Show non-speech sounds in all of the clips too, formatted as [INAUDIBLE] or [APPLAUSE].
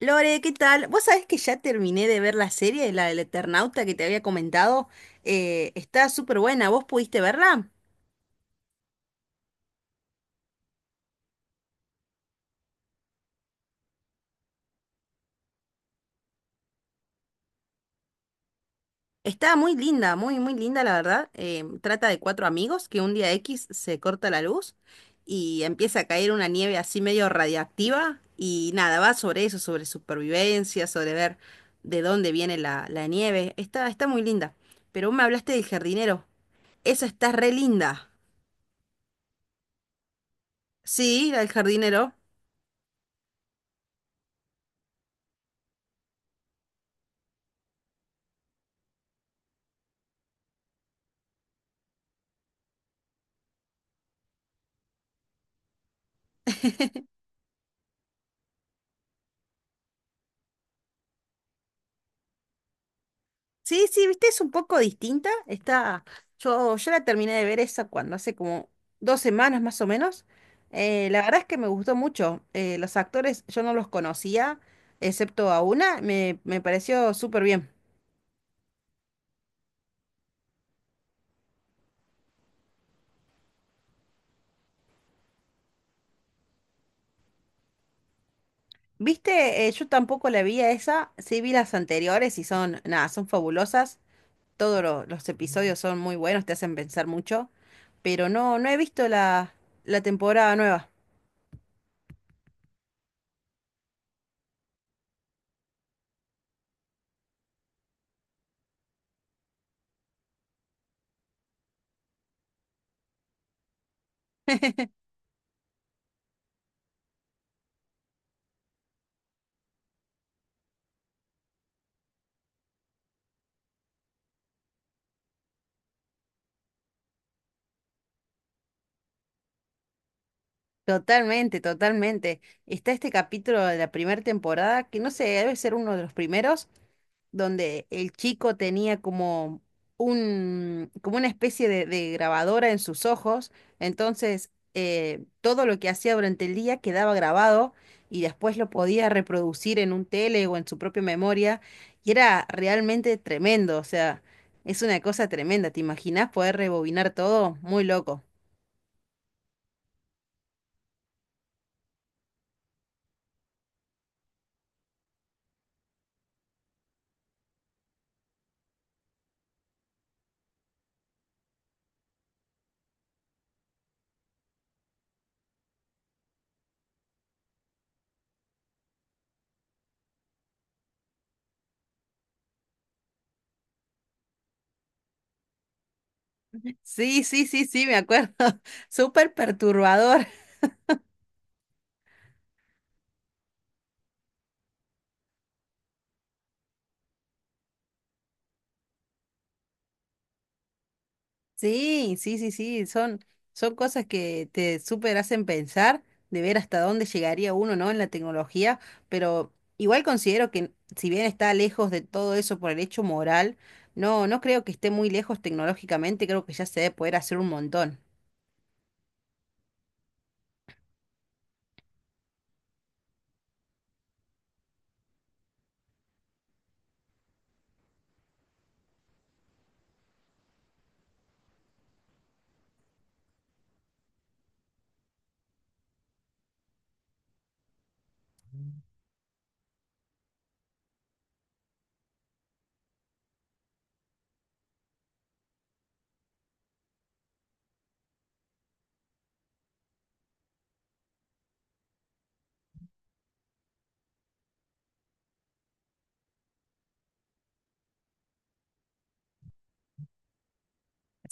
Lore, ¿qué tal? Vos sabés que ya terminé de ver la serie, la del Eternauta que te había comentado. Está súper buena, ¿vos pudiste verla? Está muy linda, muy linda, la verdad. Trata de cuatro amigos que un día X se corta la luz y empieza a caer una nieve así medio radiactiva. Y nada, va sobre eso, sobre supervivencia, sobre ver de dónde viene la nieve. Está muy linda. Pero vos me hablaste del jardinero. Esa está re linda. Sí, la del jardinero. [LAUGHS] Sí, sí, viste, es un poco distinta. Está, yo ya la terminé de ver esa cuando hace como 2 semanas más o menos. La verdad es que me gustó mucho. Los actores yo no los conocía, excepto a una, me pareció súper bien. Viste, yo tampoco la vi a esa, sí vi las anteriores y son, nada, son fabulosas. Todos los episodios son muy buenos, te hacen pensar mucho, pero no, no he visto la temporada nueva. [LAUGHS] Totalmente, totalmente. Está este capítulo de la primera temporada, que no sé, debe ser uno de los primeros, donde el chico tenía como un, como una especie de grabadora en sus ojos. Entonces, todo lo que hacía durante el día quedaba grabado y después lo podía reproducir en un tele o en su propia memoria. Y era realmente tremendo. O sea, es una cosa tremenda. ¿Te imaginas poder rebobinar todo? Muy loco. Sí, sí, sí, sí, me acuerdo. [LAUGHS] Súper perturbador. Sí, sí, sí, sí, son, son cosas que te súper hacen pensar de ver hasta dónde llegaría uno, ¿no? En la tecnología, pero igual considero que si bien está lejos de todo eso por el hecho moral, no, no creo que esté muy lejos tecnológicamente, creo que ya se debe poder hacer un montón.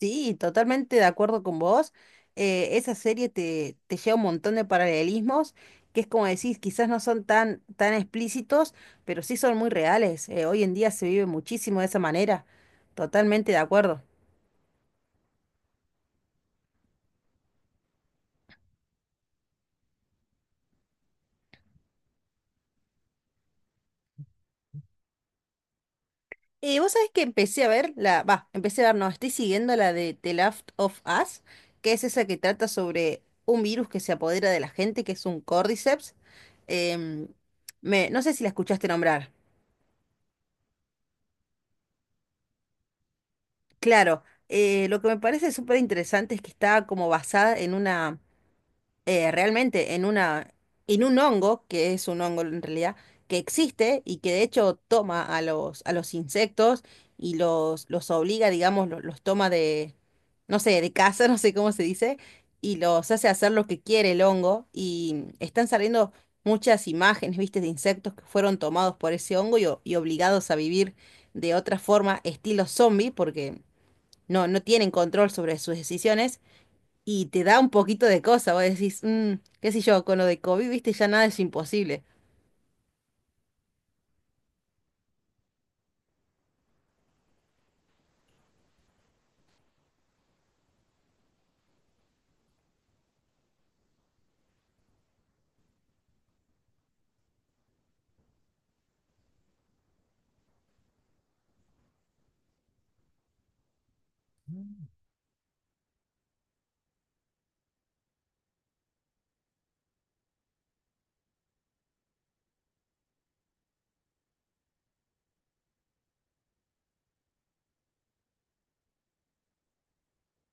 Sí, totalmente de acuerdo con vos. Esa serie te lleva un montón de paralelismos, que es como decís, quizás no son tan explícitos, pero sí son muy reales. Hoy en día se vive muchísimo de esa manera. Totalmente de acuerdo. Vos sabés que empecé a ver la, va, empecé a ver, no, estoy siguiendo la de The Last of Us, que es esa que trata sobre un virus que se apodera de la gente, que es un Cordyceps. Em, no sé si la escuchaste nombrar. Claro, lo que me parece súper interesante es que está como basada en una, realmente en una, en un hongo, que es un hongo en realidad, que existe y que de hecho toma a los insectos y los obliga, digamos, los, toma de, no sé, de casa, [LAUGHS] no sé cómo se dice, y los hace hacer lo que quiere el hongo. Y están saliendo muchas imágenes, viste, de insectos que fueron tomados por ese hongo y obligados a vivir de otra forma, estilo zombie, porque no, no tienen control sobre sus decisiones y te da un poquito de cosa. Vos decís, "Mm, qué sé yo, con lo de COVID, viste, ya nada es imposible".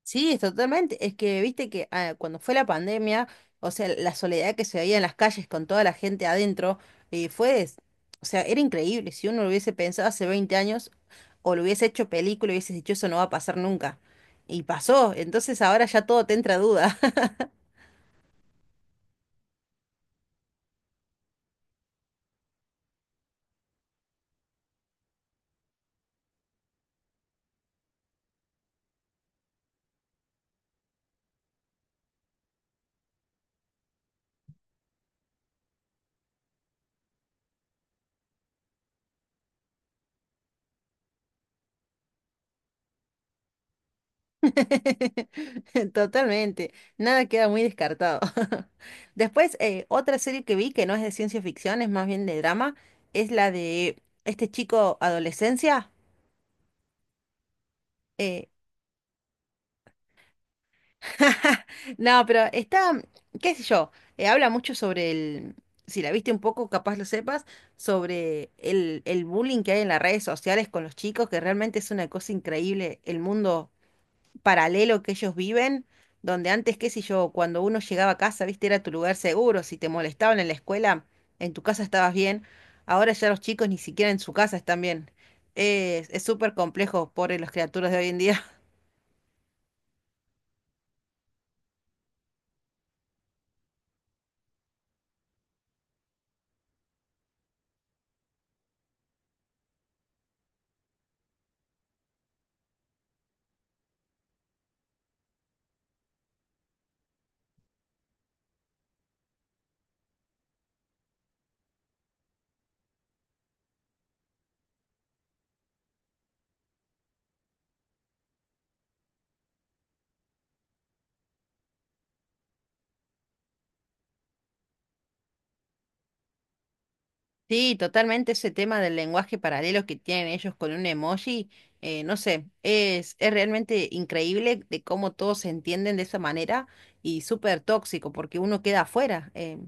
Sí, es totalmente. Es que viste que ah, cuando fue la pandemia, o sea, la soledad que se veía en las calles con toda la gente adentro, eh, fue, es- o sea, era increíble. Si uno lo hubiese pensado hace 20 años o lo hubiese hecho película, hubiese dicho, eso no va a pasar nunca. Y pasó, entonces ahora ya todo te entra duda. [LAUGHS] Totalmente, nada queda muy descartado. [LAUGHS] Después, otra serie que vi que no es de ciencia ficción, es más bien de drama, es la de este chico adolescencia. eh, [LAUGHS] No, pero está, qué sé yo, habla mucho sobre si la viste un poco, capaz lo sepas, sobre el bullying que hay en las redes sociales con los chicos, que realmente es una cosa increíble el mundo paralelo que ellos viven, donde antes, qué sé yo, cuando uno llegaba a casa, viste, era tu lugar seguro, si te molestaban en la escuela, en tu casa estabas bien, ahora ya los chicos ni siquiera en su casa están bien. Es súper complejo, pobre las criaturas de hoy en día. Sí, totalmente ese tema del lenguaje paralelo que tienen ellos con un emoji, no sé, es realmente increíble de cómo todos se entienden de esa manera y súper tóxico porque uno queda afuera.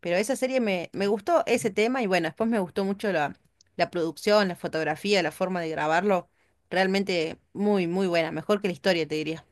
Pero esa serie me gustó ese tema y bueno, después me gustó mucho la producción, la fotografía, la forma de grabarlo, realmente muy, muy buena, mejor que la historia, te diría.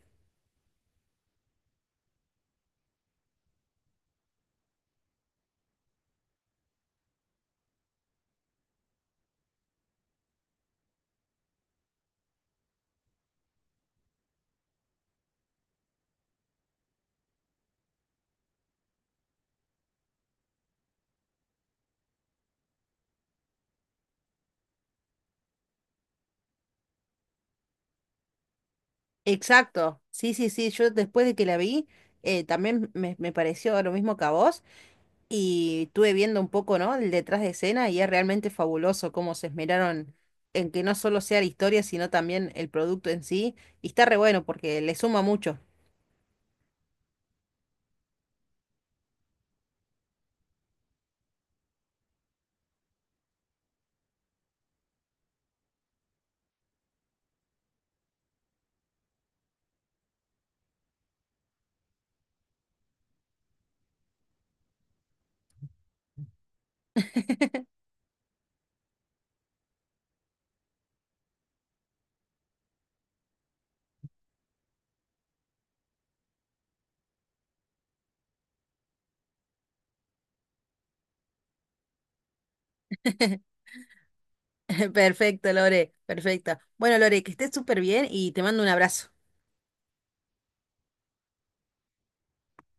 Exacto, sí, sí, sí, yo después de que la vi, me pareció lo mismo que a vos. Y estuve viendo un poco, ¿no? El detrás de escena y es realmente fabuloso cómo se esmeraron en que no solo sea la historia, sino también el producto en sí. Y está re bueno porque le suma mucho. [LAUGHS] Perfecto, Lore, perfecto. Bueno, Lore, que estés súper bien y te mando un abrazo.